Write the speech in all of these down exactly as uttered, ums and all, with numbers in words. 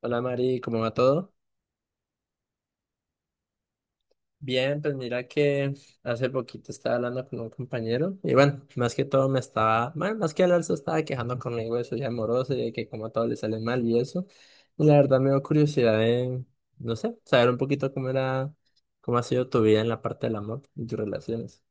Hola Mari, ¿cómo va todo? Bien, pues mira que hace poquito estaba hablando con un compañero y bueno, más que todo me estaba, bueno, más que hablar se estaba quejando conmigo de su vida amorosa y de que como a todo le sale mal y eso. Y la verdad me dio curiosidad de, no sé, saber un poquito cómo era, cómo ha sido tu vida en la parte del amor y tus relaciones.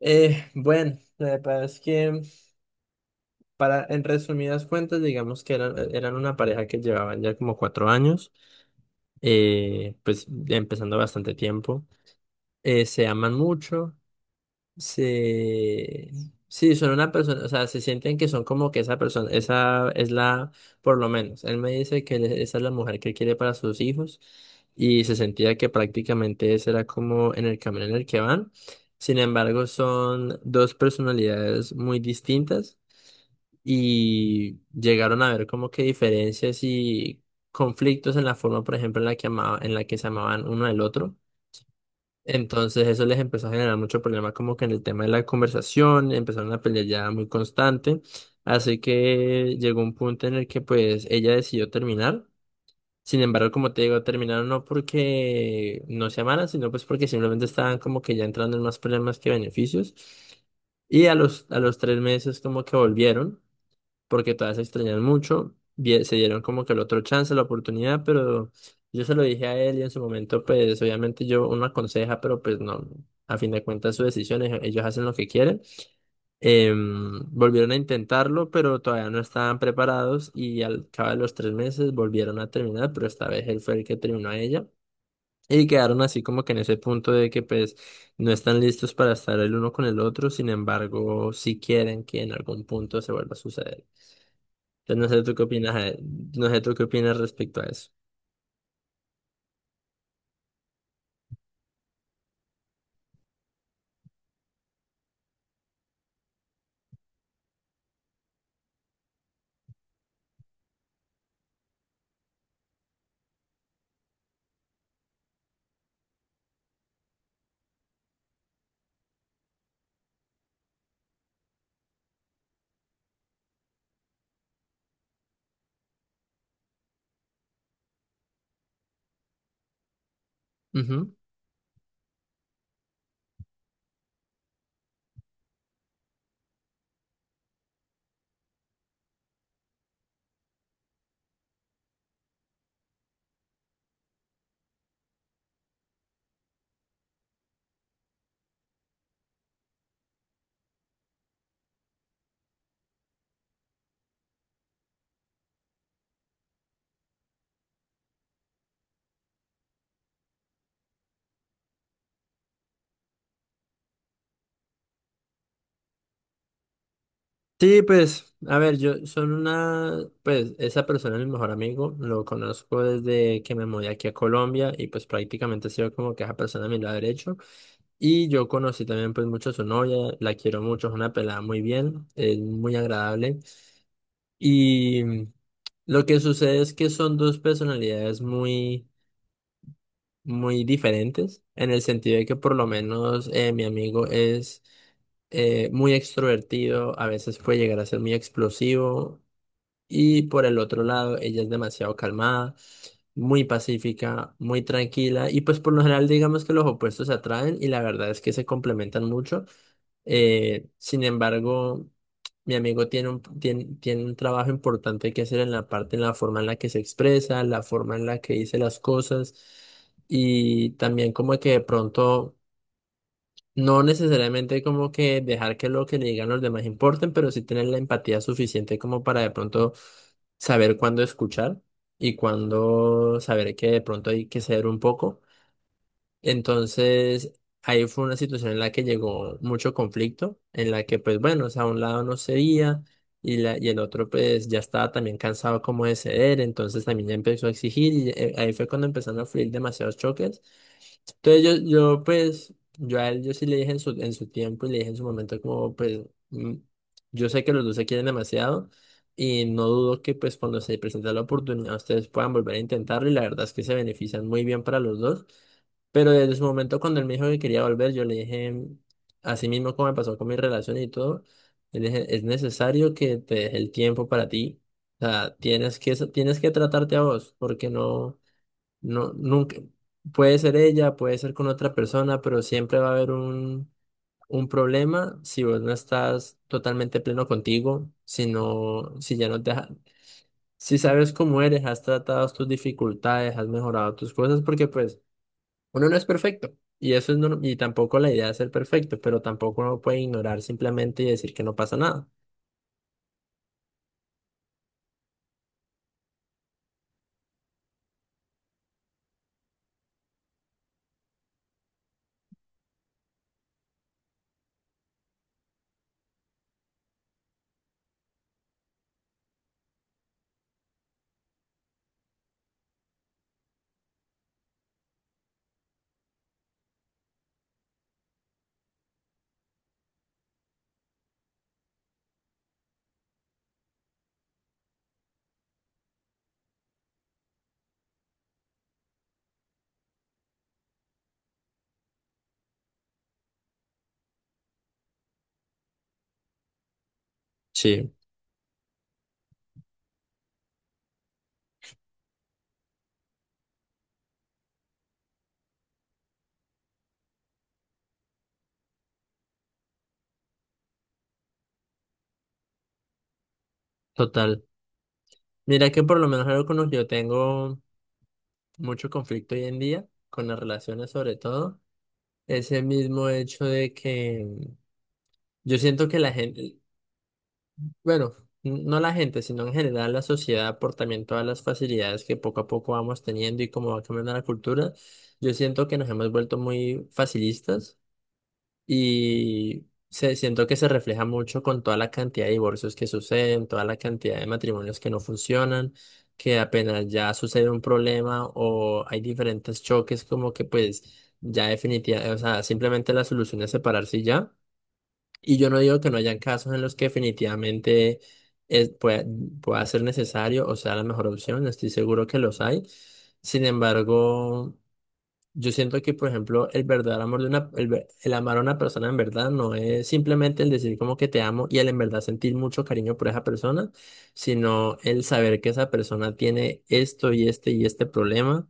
Eh, bueno, la verdad es que para, en resumidas cuentas, digamos que eran, eran una pareja que llevaban ya como cuatro años, eh, pues empezando bastante tiempo. Eh, se aman mucho, se... Sí, son una persona, o sea, se sienten que son como que esa persona, esa es la, por lo menos, él me dice que él- esa es la mujer que quiere para sus hijos y se sentía que prácticamente ese era como en el camino en el que van. Sin embargo, son dos personalidades muy distintas y llegaron a ver como que diferencias y conflictos en la forma, por ejemplo, en la que amaba- en la que se amaban uno del otro. Entonces eso les empezó a generar mucho problema como que en el tema de la conversación, empezaron a pelear ya muy constante, así que llegó un punto en el que pues ella decidió terminar, sin embargo como te digo, terminaron no porque no se amaran, sino pues porque simplemente estaban como que ya entrando en más problemas que beneficios y a los, a los tres meses como que volvieron porque todavía se extrañan mucho. Bien, se dieron como que el otro chance, la oportunidad, pero yo se lo dije a él y en su momento, pues obviamente yo uno aconseja, pero pues no, a fin de cuentas sus decisiones ellos hacen lo que quieren. Em, volvieron a intentarlo, pero todavía no estaban preparados y al cabo de los tres meses volvieron a terminar, pero esta vez él fue el que terminó a ella. Y quedaron así como que en ese punto de que pues no están listos para estar el uno con el otro, sin embargo, si quieren que en algún punto se vuelva a suceder. Entonces, no sé tú qué opinas, eh, no sé tú qué opinas respecto a eso. Ujú. Sí, pues, a ver, yo son una, pues, esa persona es mi mejor amigo, lo conozco desde que me mudé aquí a Colombia y pues prácticamente ha sido como que esa persona a mi lado derecho. Y yo conocí también pues mucho a su novia, la quiero mucho, es una pelada muy bien, es muy agradable. Y mm, lo que sucede es que son dos personalidades muy, muy diferentes, en el sentido de que por lo menos eh, mi amigo es eh, muy extrovertido, a veces puede llegar a ser muy explosivo y por el otro lado ella es demasiado calmada, muy pacífica, muy tranquila y pues por lo general digamos que los opuestos se atraen y la verdad es que se complementan mucho. Eh, sin embargo, mi amigo tiene un, tiene, tiene un trabajo importante que hacer en la parte, en la forma en la que se expresa, la forma en la que dice las cosas y también como que de pronto... No necesariamente como que dejar que lo que le digan los demás importen, pero sí tener la empatía suficiente como para de pronto saber cuándo escuchar y cuándo saber que de pronto hay que ceder un poco. Entonces, ahí fue una situación en la que llegó mucho conflicto, en la que pues bueno, o sea, un lado no cedía y, la, y el otro pues ya estaba también cansado como de ceder, entonces también ya empezó a exigir y eh, ahí fue cuando empezaron a fluir demasiados choques. Entonces yo, yo pues, yo a él yo sí le dije en su, en su tiempo y le dije en su momento como pues, mm, yo sé que los dos se quieren demasiado y no dudo que pues cuando se presente la oportunidad ustedes puedan volver a intentarlo y la verdad es que se benefician muy bien para los dos. Pero desde su momento cuando él me dijo que quería volver, yo le dije, mm, así mismo como me pasó con mi relación y todo, le dije, es necesario que te deje el tiempo para ti. O sea, tienes que, tienes que tratarte a vos, porque no... No, nunca, puede ser ella, puede ser con otra persona, pero siempre va a haber un, un problema si vos no estás totalmente pleno contigo, si no, si ya no te ha- si sabes cómo eres, has tratado tus dificultades, has mejorado tus cosas, porque pues uno no es perfecto. Y eso es norm- y tampoco la idea es ser perfecto, pero tampoco uno puede ignorar simplemente y decir que no pasa nada. Sí, total. Mira que por lo menos algo con lo que yo tengo mucho conflicto hoy en día, con las relaciones sobre todo ese mismo hecho de que yo siento que la gente, bueno, n- no la gente, sino en general la sociedad, por también todas las facilidades que poco a poco vamos teniendo y cómo va cambiando la cultura, yo siento que nos hemos vuelto muy facilistas y se, siento que se refleja mucho con toda la cantidad de divorcios que suceden, toda la cantidad de matrimonios que no funcionan. Que apenas ya sucede un problema o hay diferentes choques como que pues ya definitiva, o sea, simplemente la solución es separarse y ya. Y yo no digo que no hayan casos en los que definitivamente es- pueda, pueda ser necesario o sea la mejor opción, estoy seguro que los hay. Sin embargo, yo siento que, por ejemplo, el verdadero amor de una, el, ver- el amar a una persona en verdad no es simplemente el decir como que te amo y el en verdad sentir mucho cariño por esa persona, sino el saber que esa persona tiene esto y este y este problema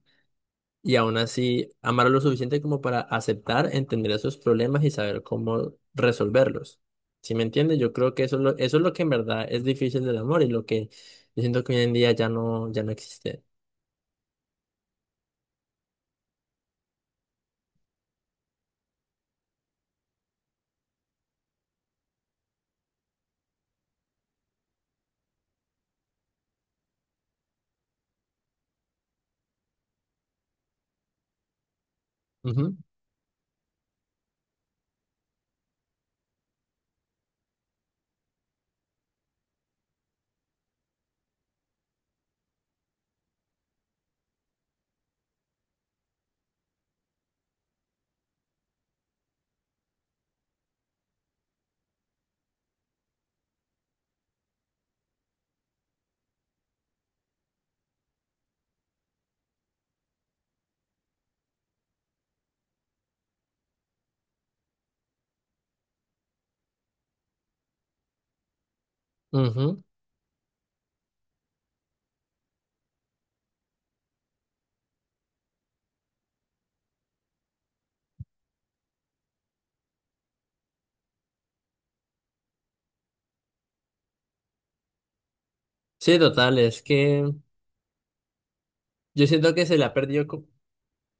y aún así amarlo lo suficiente como para aceptar, entender esos problemas y saber cómo resolverlos. ¿Sí me entiendes? Yo creo que eso es lo, eso es lo que en verdad es difícil del amor y lo que yo siento que hoy en día ya no, ya no existe. Ujú, ujú. Sí, total, es que yo siento que se le ha perdido, co-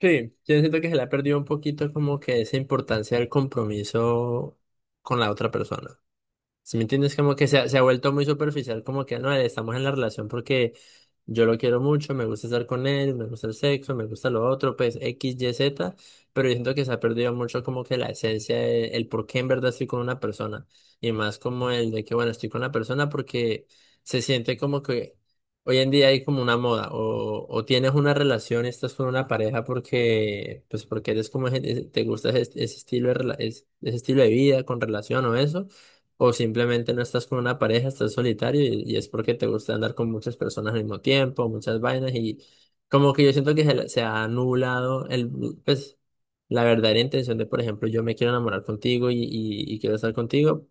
sí, yo siento que se le ha perdido un poquito como que esa importancia del compromiso con la otra persona. Si me entiendes, como que se ha, se ha vuelto muy superficial, como que no, estamos en la relación porque yo lo quiero mucho, me gusta estar con él, me gusta el sexo, me gusta lo otro, pues X, Y, Z, pero yo siento que se ha perdido mucho como que la esencia, de- el, por qué en verdad estoy con una persona, y más como el de que, bueno, estoy con la persona porque se siente como que hoy en día hay como una moda, o, o tienes una relación, estás con una pareja porque, pues porque eres como, ese- ese- te gusta ese, ese estilo de, rela- es- ese estilo de vida con relación o eso. O simplemente no estás con una pareja, estás solitario y, y es porque te gusta andar con muchas personas al mismo tiempo, muchas vainas y como que yo siento que se, le- se ha anulado el, pues, la verdadera intención de, por ejemplo, yo me quiero enamorar contigo y, y, y quiero estar contigo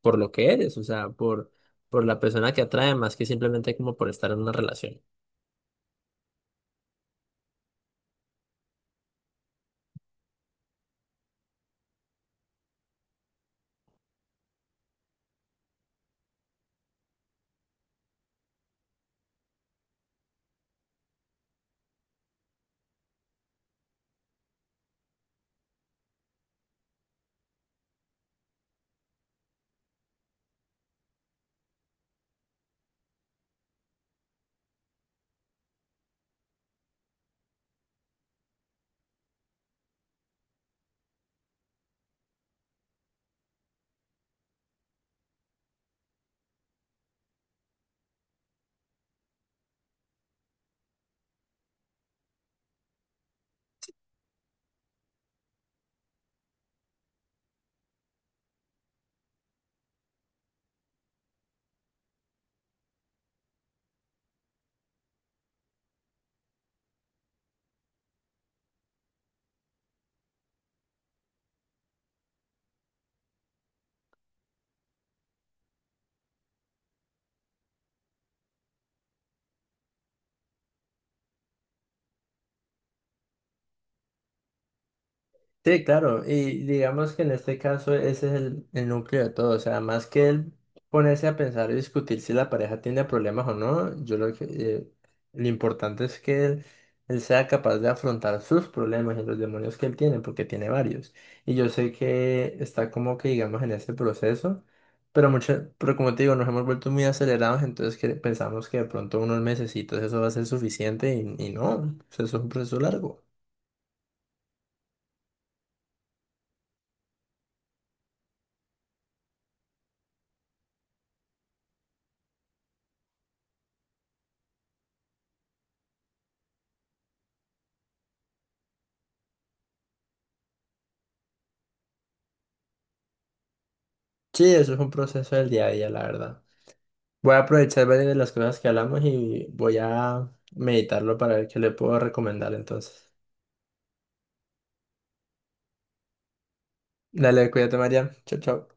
por lo que eres, o sea, por, por la persona que atrae más que simplemente como por estar en una relación. Sí, claro, y digamos que en este caso ese es el, el núcleo de todo, o sea, más que él ponerse a pensar y discutir si la pareja tiene problemas o no, yo lo que, eh, lo importante es que él, él sea capaz de afrontar sus problemas y los demonios que él tiene, porque tiene varios. Y yo sé que está como que, digamos, en ese proceso, pero mucho, pero como te digo, nos hemos vuelto muy acelerados, entonces que pensamos que de pronto unos mesecitos eso va a ser suficiente y, y no, o sea, eso es un proceso largo. Sí, eso es un proceso del día a día, la verdad. Voy a aprovechar varias de las cosas que hablamos y voy a meditarlo para ver qué le puedo recomendar entonces. Dale, cuídate, María. Chao, chao.